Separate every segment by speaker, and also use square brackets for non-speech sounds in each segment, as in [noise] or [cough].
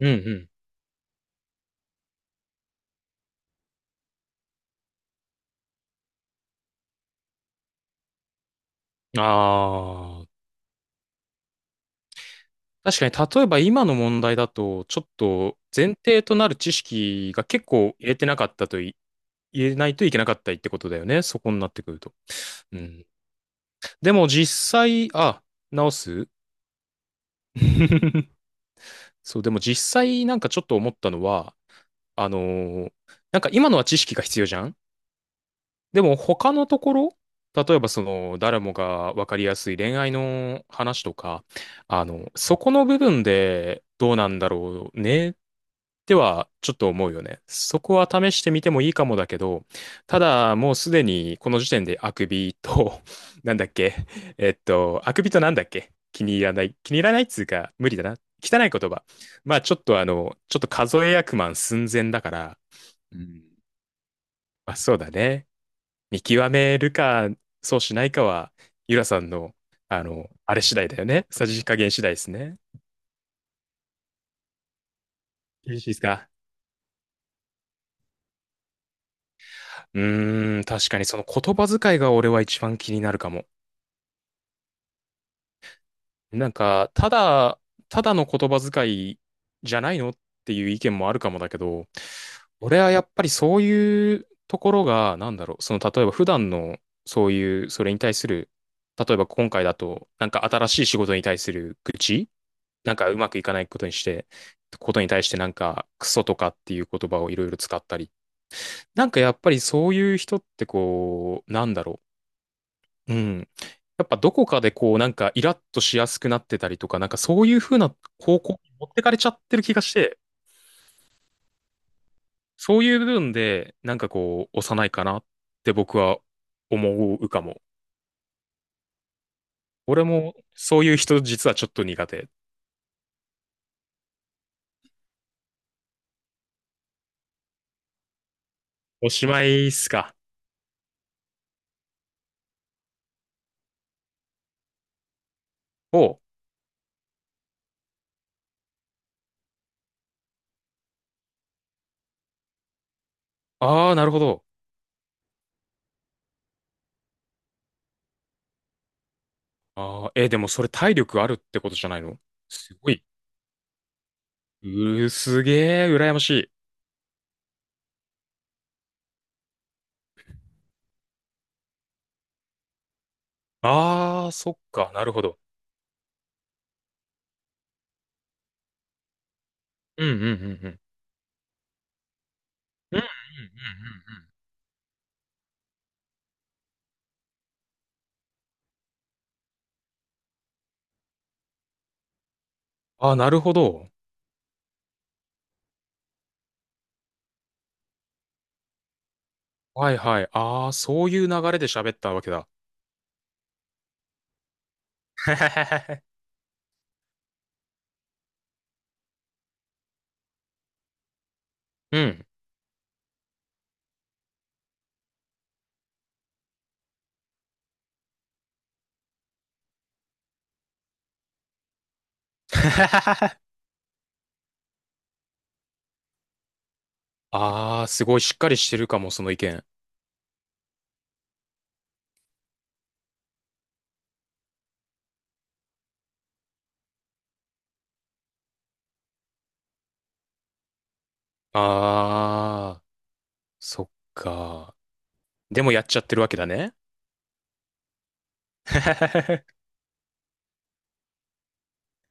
Speaker 1: うんうん。ああ。確かに、例えば今の問題だと、ちょっと前提となる知識が結構入れてなかったとい、入れないといけなかったりってことだよね。そこになってくると。うん。でも実際、あ、直す。 [laughs] そう、でも実際なんかちょっと思ったのは、あのーなんか今のは知識が必要じゃん。でも他のところ、例えばその誰もが分かりやすい恋愛の話とか、あの、そこの部分でどうなんだろうねってはちょっと思うよね。そこは試してみてもいいかもだけど、ただもうすでにこの時点であくびと、[laughs] なんだっけ、あくびとなんだっけ、気に入らない。気に入らないっつうか無理だな。汚い言葉。まあちょっとあの、ちょっと数え役満寸前だから、うん、まあそうだね。見極めるか、そうしないかは、ゆらさんの、あの、あれ次第だよね。さじ加減次第ですね。よろしいですか？うーん、確かにその言葉遣いが俺は一番気になるかも。なんか、ただ、ただの言葉遣いじゃないのっていう意見もあるかもだけど、俺はやっぱりそういうところが、なんだろう、その例えば普段のそういう、それに対する、例えば今回だと、なんか新しい仕事に対する愚痴、なんかうまくいかないことにして、ことに対してなんかクソとかっていう言葉をいろいろ使ったり。なんかやっぱりそういう人ってこう、なんだろう。うん。やっぱどこかでこうなんかイラッとしやすくなってたりとか、なんかそういう風な方向に持ってかれちゃってる気がして、そういう部分でなんかこう幼いかなって僕は思うかも。俺もそういう人実はちょっと苦手。おしまいっすか。お、ああ、なるほど。ああ、えー、でもそれ体力あるってことじゃないの？すごい。うー、すげえ、羨ましい。ああ、そっか、なるほど。うんうんうんうん。うんうんうんうんうん。ああ、なるほど。はいはい。ああ、そういう流れで喋ったわけだ。[laughs] うん。[laughs] ああ、すごいしっかりしてるかも、その意見。ああ、そっか。でもやっちゃってるわけだね。[laughs]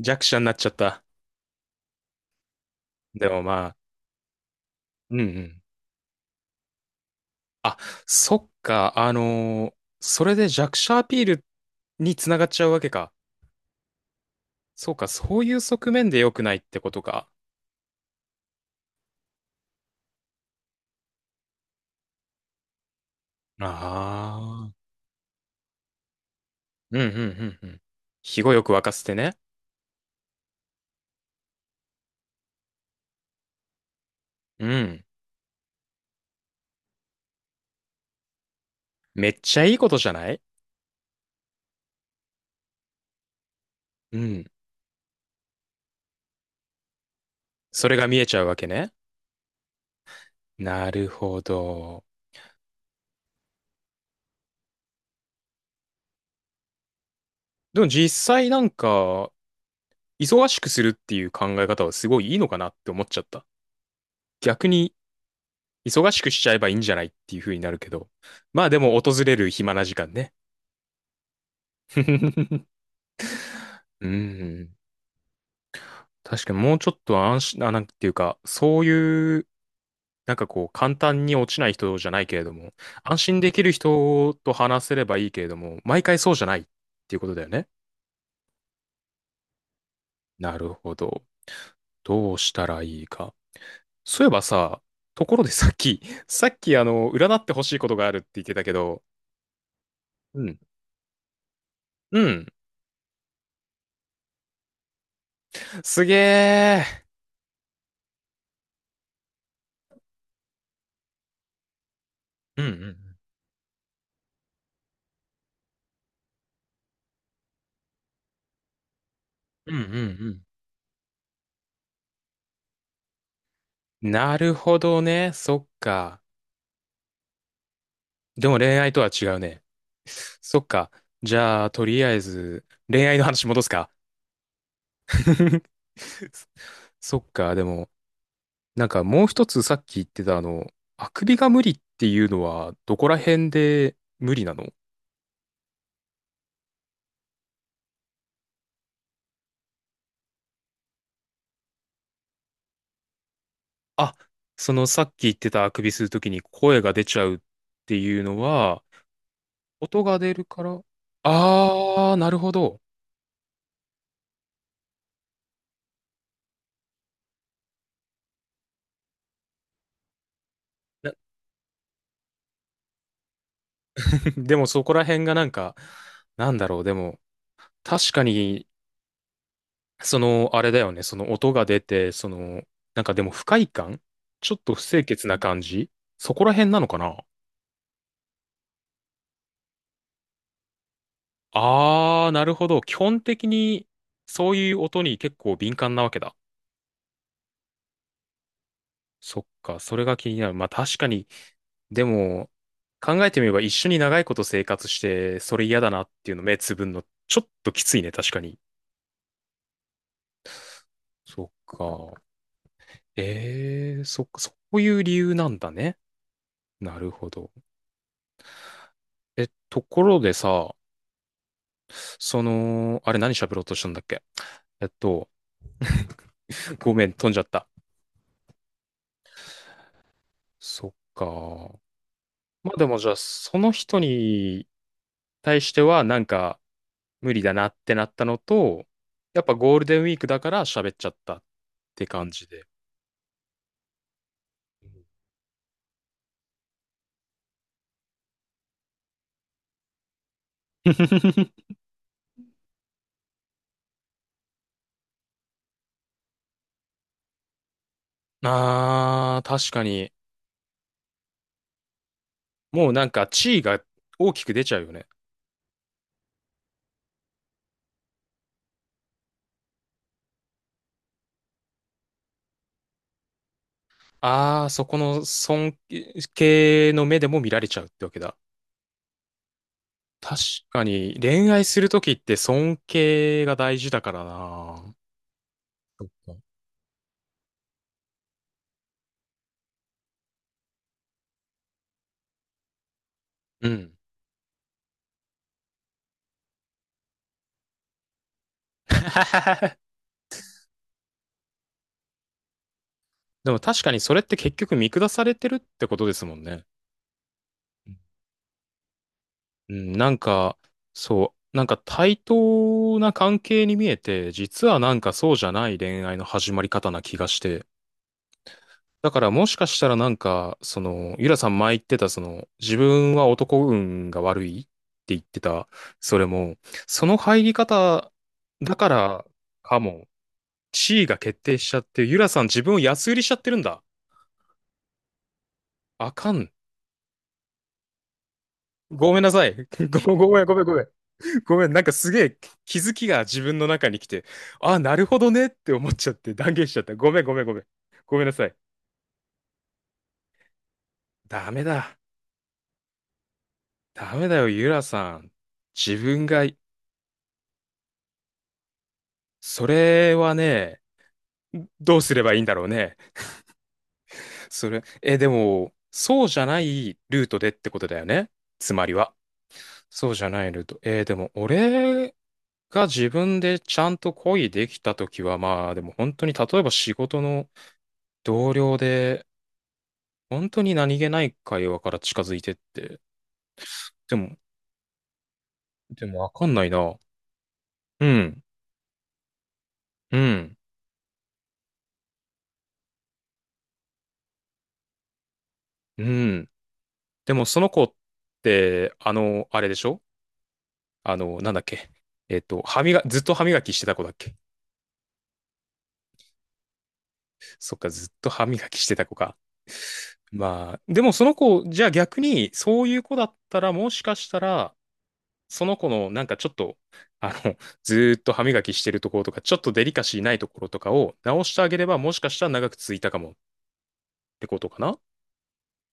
Speaker 1: 弱者になっちゃった。でもまあ、うんうん。あ、そっか、それで弱者アピールにつながっちゃうわけか。そうか、そういう側面で良くないってことか。ああ。うんうんうんうん。肥後よく沸かせてね。うん。めっちゃいいことじゃない？うん。それが見えちゃうわけね。なるほど。でも実際なんか、忙しくするっていう考え方はすごいいいのかなって思っちゃった。逆に、忙しくしちゃえばいいんじゃないっていう風になるけど。まあでも訪れる暇な時間ね。[laughs] うん。確かにもうちょっと安心、あ、なんていうか、そういう、なんかこう、簡単に落ちない人じゃないけれども、安心できる人と話せればいいけれども、毎回そうじゃないっていうことだよね。なるほど。どうしたらいいか。そういえばさ、ところでさっき、さっきあの、占ってほしいことがあるって言ってたけど、うん。うん。すげえ。うんうん。うんうんうん。なるほどね。そっか。でも恋愛とは違うね。[laughs] そっか。じゃあ、とりあえず、恋愛の話戻すか。[laughs] そっか。でも、なんかもう一つさっき言ってたあの、あくびが無理っていうのは、どこら辺で無理なの？あ、そのさっき言ってたあくびするときに声が出ちゃうっていうのは、音が出るから。あー、なるほど。な [laughs] でもそこら辺がなんか、なんだろう。でも、確かにその、あれだよね、その音が出て、その、なんかでも不快感、ちょっと不清潔な感じ、そこら辺なのかな。あー、なるほど。基本的に、そういう音に結構敏感なわけだ。そっか、それが気になる。まあ確かに、でも、考えてみれば一緒に長いこと生活して、それ嫌だなっていうの目つぶんの、ちょっときついね、確かに。そっか。ええー、そっか、そういう理由なんだね。なるほど。え、ところでさ、その、あれ何喋ろうとしたんだっけ？えっと、ごめん、飛んじゃった。そっか。まあでもじゃあ、その人に対してはなんか無理だなってなったのと、やっぱゴールデンウィークだから喋っちゃったって感じで。[laughs] あー、確かに。もうなんか地位が大きく出ちゃうよね。あー、そこの尊敬の目でも見られちゃうってわけだ。確かに、恋愛するときって尊敬が大事だからな。うん。[laughs] でも確かにそれって結局見下されてるってことですもんね。うん、なんか、そう、なんか対等な関係に見えて、実はなんかそうじゃない恋愛の始まり方な気がして。だからもしかしたらなんか、その、ゆらさん前言ってた、その、自分は男運が悪いって言ってた、それも、その入り方だからかも、地位が決定しちゃって、ゆらさん自分を安売りしちゃってるんだ。あかん。ごめんなさい。[laughs] ご、ごめん、ごめん、ごめん。ごめん、なんかすげえ気づきが自分の中に来て、あ、なるほどねって思っちゃって断言しちゃった。ごめん、ごめん、ごめん。ごめんなさい。ダメだ。ダメだよ、ゆらさん。自分が、それはね、どうすればいいんだろうね。それ、え、でも、そうじゃないルートでってことだよね。つまりは。そうじゃないルート。えー、でも俺が自分でちゃんと恋できたときは、まあでも本当に例えば仕事の同僚で、本当に何気ない会話から近づいてって。でも、でもわかんないな。うん、うん、うん。でもその子って、あの、あれでしょ？あの、なんだっけ。歯磨、ずっと歯磨きしてた子だっけ？そっか、ずっと歯磨きしてた子か。まあ、でもその子、じゃあ逆に、そういう子だったら、もしかしたら、その子のなんかちょっと、あの、ずーっと歯磨きしてるところとか、ちょっとデリカシーないところとかを直してあげれば、もしかしたら長く続いたかもってことかな？